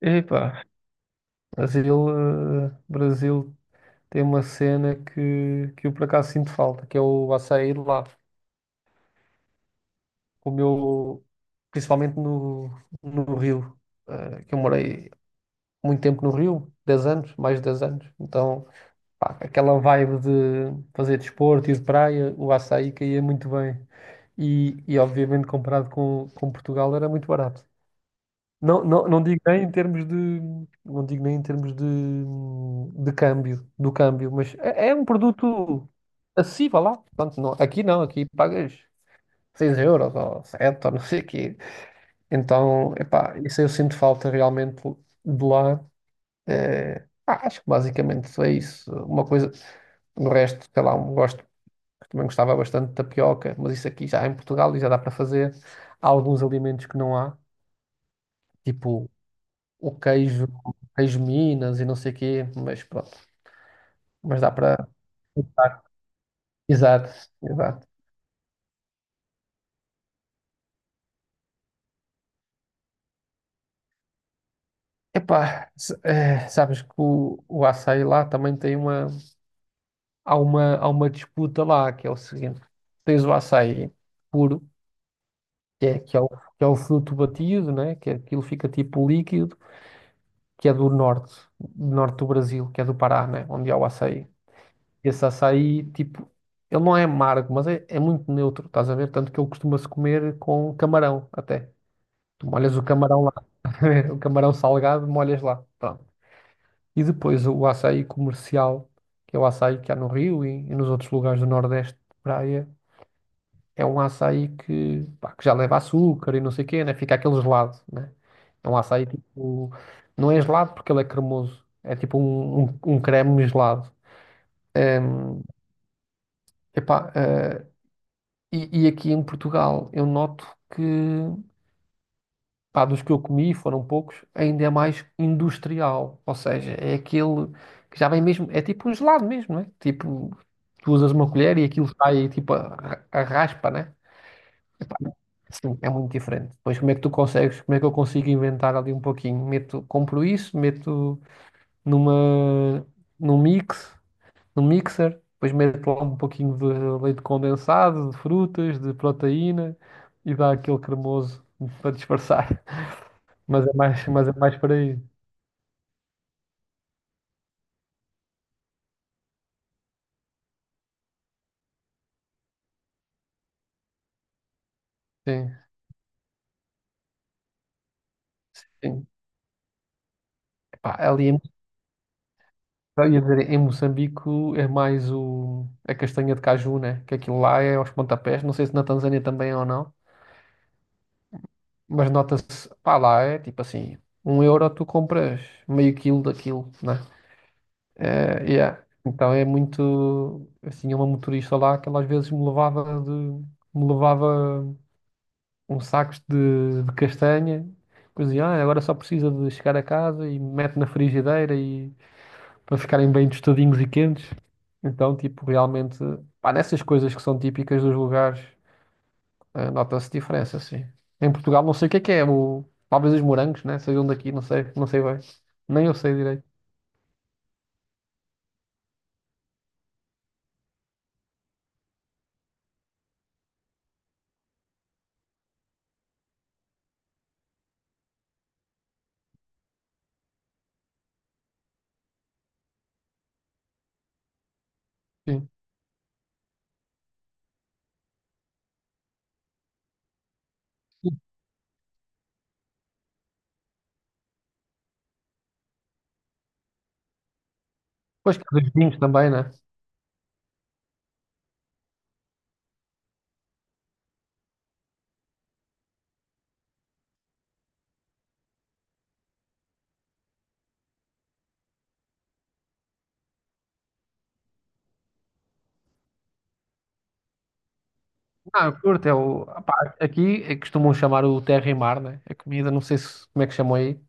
Epá, Brasil, Brasil tem uma cena que eu por acaso sinto falta, que é o açaí de lá. O meu, principalmente no Rio, que eu morei muito tempo no Rio, 10 anos, mais de 10 anos. Então, pá, aquela vibe de fazer desporto e de praia, o açaí caía muito bem. E obviamente comparado com Portugal era muito barato. Não, não digo nem em termos de, não digo nem em termos de câmbio, do câmbio, mas é um produto acessível lá. Portanto, não, aqui não, aqui pagas 6 euros ou 7 ou não sei o quê. Então, epá, isso eu sinto falta realmente de lá. Acho que basicamente é isso. Uma coisa, o resto, sei lá, um gosto, também gostava bastante de tapioca, mas isso aqui já em Portugal e já dá para fazer. Há alguns alimentos que não há, tipo o queijo, queijo Minas e não sei o quê, mas pronto, mas dá para. Exato, exato. Epá, sabes que o açaí lá também tem uma, há uma, há uma disputa lá, que é o seguinte, tens o açaí puro, que é o fruto batido, né? Que é, aquilo fica tipo líquido, que é do norte, do norte do Brasil, que é do Pará, né? Onde há o açaí. Esse açaí, tipo, ele não é amargo, mas é muito neutro, estás a ver? Tanto que ele costuma-se comer com camarão, até. Tu molhas o camarão lá. O camarão salgado, molhas lá. Pronto. E depois o açaí comercial, que é o açaí que há no Rio e nos outros lugares do Nordeste de praia, é um açaí que, pá, que já leva açúcar e não sei o quê, né? Fica aquele gelado, né? É um açaí tipo. Não é gelado porque ele é cremoso. É tipo um creme gelado. Em, epá, eh, e, e aqui em Portugal eu noto que. Pá, dos que eu comi, foram poucos, ainda é mais industrial. Ou seja, é aquele que já vem mesmo, é tipo um gelado mesmo, não é? Tipo, tu usas uma colher e aquilo sai tipo a raspa, né? Epá, sim, é muito diferente. Pois como é que tu consegues, como é que eu consigo inventar ali um pouquinho? Meto, compro isso, meto numa, num mix, num mixer, depois meto lá um pouquinho de leite condensado, de frutas, de proteína e dá aquele cremoso para disfarçar. Mas é mais por aí. Sim, sim. Epá, ali em, eu ia dizer, em Moçambique é mais a castanha de caju, né? Que aquilo lá é aos pontapés. Não sei se na Tanzânia também é ou não. Mas nota-se, pá, lá é tipo assim, um euro tu compras meio quilo daquilo, né? É, yeah. Então é muito, assim, uma motorista lá que ela às vezes me levava um saco de castanha. Depois dizia ah, agora só precisa de chegar a casa e mete na frigideira e para ficarem bem tostadinhos e quentes. Então, tipo, realmente, pá, nessas coisas que são típicas dos lugares, nota-se diferença, sim. Em Portugal, não sei o que é, o... talvez os morangos, né? Sejam daqui, não sei, não sei bem. Nem eu sei direito. Sim. E depois que há os vinhos também, né? Ah, eu curto, é o. Ah, aqui é que costumam chamar o terra e mar, né? A comida, não sei se, como é que chamam aí.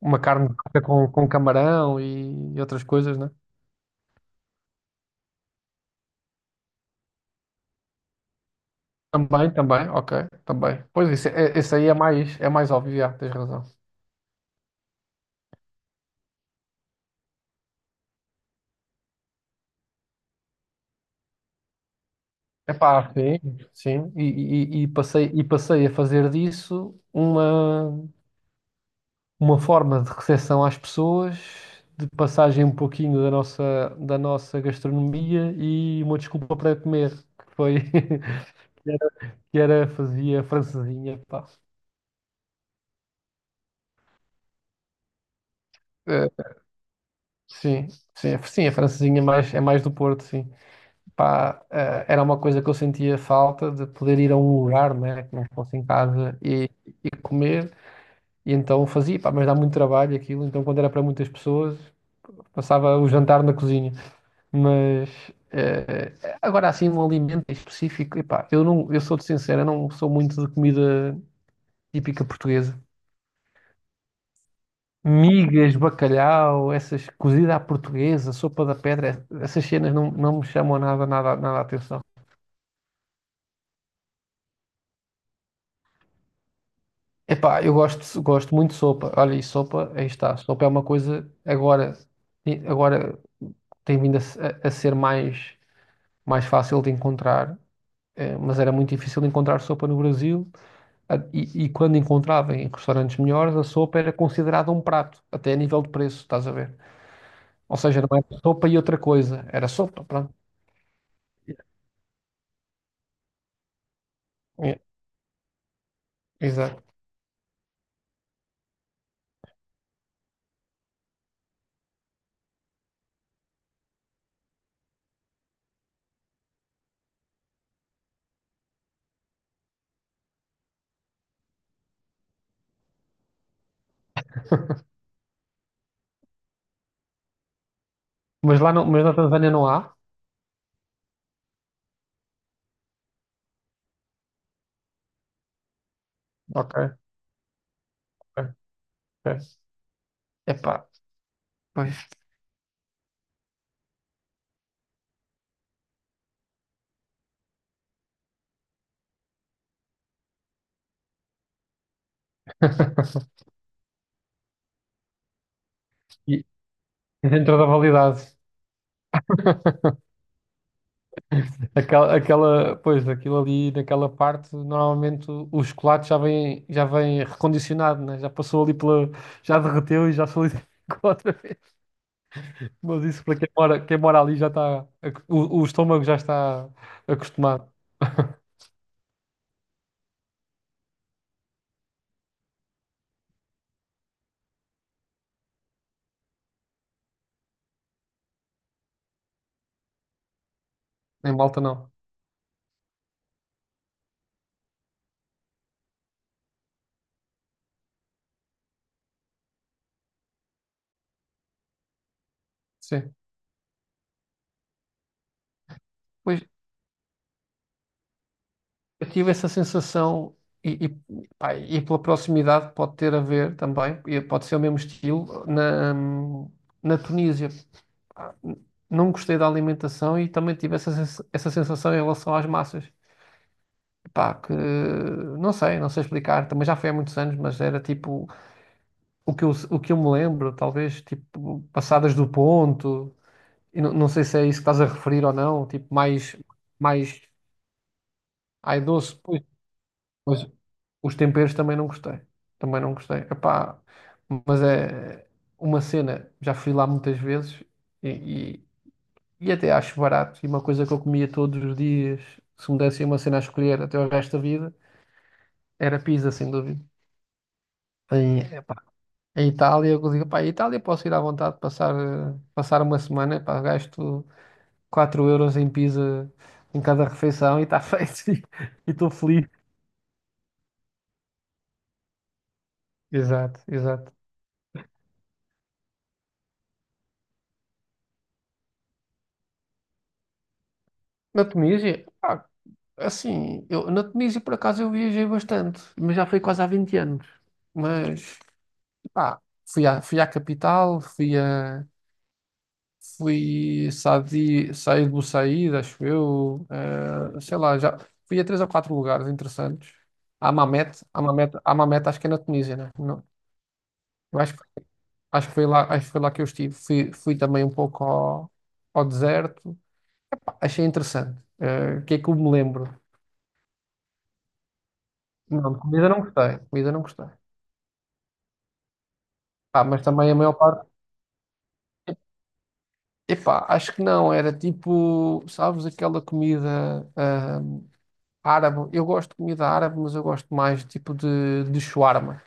Uma carne de coca com camarão e outras coisas, né? Também, também, ok, também. Pois isso, esse aí é mais óbvio, já, tens razão. Epá, sim, sim. E passei a fazer disso uma forma de recepção às pessoas, de passagem um pouquinho da nossa gastronomia e uma desculpa para comer, que foi que era, fazia francesinha, pá. Eh, sim, sim, a francesinha é mais do Porto, sim. Pá, era uma coisa que eu sentia falta de poder ir a um lugar, né, que não fosse em casa e comer. E então fazia, pá, mas dá muito trabalho aquilo. Então, quando era para muitas pessoas, passava o jantar na cozinha. Mas eh, agora, assim, um alimento em específico, epá, eu não, eu sou-te sincero, eu não sou muito de comida típica portuguesa. Migas, bacalhau, essas cozida à portuguesa, sopa da pedra, essas cenas não, não me chamam nada, nada, nada a atenção. Epá, eu gosto, gosto muito de sopa. Olha, e sopa, aí está. Sopa é uma coisa agora, agora tem vindo a, se- a ser mais fácil de encontrar, mas era muito difícil encontrar sopa no Brasil. E quando encontrava em restaurantes melhores, a sopa era considerada um prato, até a nível de preço, estás a ver? Ou seja, não era sopa e outra coisa, era sopa, pronto. É, exato. Mas lá não, mas na Tanzânia não há? Ok, ok, ok. Epá, pois. E dentro da validade. Pois, aquilo ali, naquela parte, normalmente o chocolate já vem recondicionado, né? Já passou ali pela, já derreteu e já solidificou outra vez. Mas isso para quem mora ali já está, o estômago já está acostumado. Em Malta não. Sim. Pois, eu tive essa sensação pá, e pela proximidade pode ter a ver também, e pode ser o mesmo estilo, na Tunísia. ah, n- não gostei da alimentação e também tive essa, essa sensação em relação às massas. Pá, que não sei, não sei explicar, também já foi há muitos anos, mas era tipo o que eu me lembro, talvez tipo passadas do ponto, e não, não sei se é isso que estás a referir ou não, tipo mais, mais ai doce, pois, mas os temperos também não gostei, também não gostei. Epá, mas é uma cena, já fui lá muitas vezes e E até acho barato. E uma coisa que eu comia todos os dias, se me dessem uma cena a escolher até o resto da vida, era pizza, sem dúvida. Em, epá, Em Itália, eu digo, pá, em Itália posso ir à vontade passar, passar uma semana, epá, gasto 4 euros em pizza em cada refeição e está feito. E estou feliz. Exato, exato. Na Tunísia, pá, assim, eu, na Tunísia por acaso eu viajei bastante, mas já foi quase há 20 anos. Mas, pá, fui à capital, fui a. Fui sair, sair do sair, acho eu. Sei lá, já fui a três ou quatro lugares interessantes. A Mamet acho que é na Tunísia, né? Não, eu acho, acho que foi lá, acho que foi lá que eu estive. Fui também um pouco ao deserto. Pá, achei interessante. Eh, o que é que eu me lembro? Não, de comida não gostei. Comida não gostei. Pá, mas também a maior parte. Epá, acho que não. Era tipo, sabes, aquela comida. Árabe, eu gosto de comida árabe, mas eu gosto mais tipo de shawarma.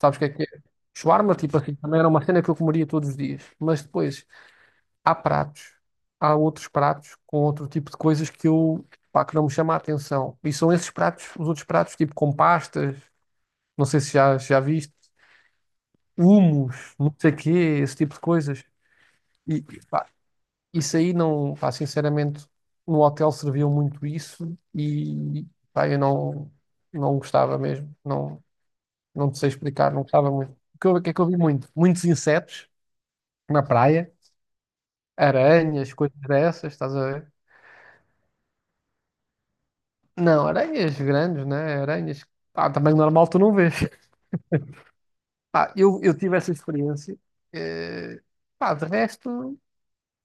Sabes o que é que é? Shawarma, tipo assim, também era uma cena que eu comeria todos os dias. Mas depois há pratos, há outros pratos com outro tipo de coisas pá, que não me chama a atenção. E são esses pratos, os outros pratos, tipo com pastas, não sei se já viste, hummus, não sei o quê, esse tipo de coisas. E, pá, isso aí não, pá, sinceramente, no hotel serviam muito isso e, pá, eu não, não gostava mesmo. Não, não te sei explicar, não gostava muito. O que é que eu vi muito? Muitos insetos na praia, aranhas, coisas dessas, estás a ver? Não, aranhas grandes, né? Aranhas. Pá, também normal tu não vês. Pá, eu tive essa experiência. Eh, Pá, de resto,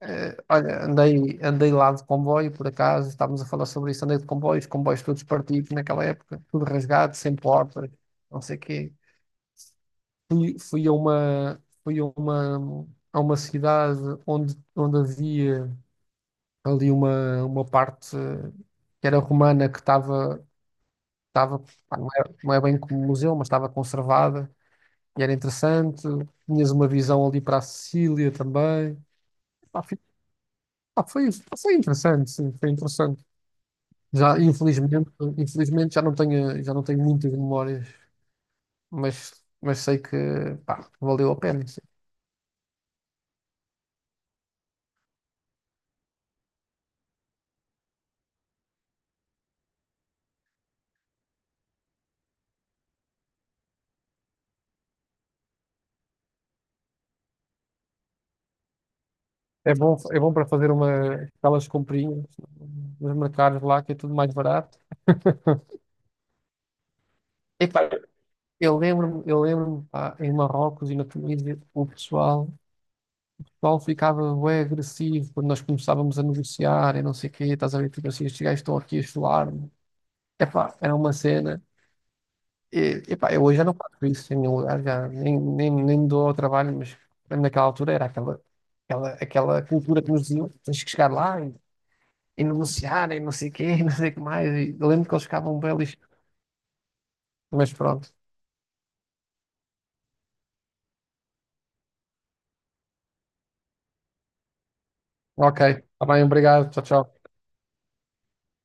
olha, andei lá de comboio, por acaso, estávamos a falar sobre isso, andei de comboio, os comboios todos partidos naquela época, tudo rasgado, sem porta não sei o quê. Fui, fui a uma, fui a uma, a uma cidade onde havia ali uma parte que era estava, pá, não é, não é bem como museu, mas estava conservada e era interessante. Tinhas uma visão ali para a Sicília também. Pá, pá, foi, foi interessante, sim, foi interessante. Já, infelizmente, infelizmente já não tenho muitas memórias, mas sei que, pá, valeu a pena, sim. É bom para fazer uma, aquelas comprinhas nos mercados lá, que é tudo mais barato. Epá, eu lembro-me, pá, em Marrocos e na Tunísia, o pessoal ficava bué agressivo quando nós começávamos a negociar e não sei o quê, estás a ver, tipo assim, estes gajos estão aqui a chular-me. Epá, era uma cena. E, epá, eu hoje já não faço isso em nenhum lugar, já nem me dou ao trabalho, mas lembro naquela altura era aquela cultura que nos diziam, tens que chegar lá e negociar e não sei o quê, não sei o que mais. E eu lembro que eles ficavam belos, mas pronto. Ok, está bem, obrigado, tchau, tchau.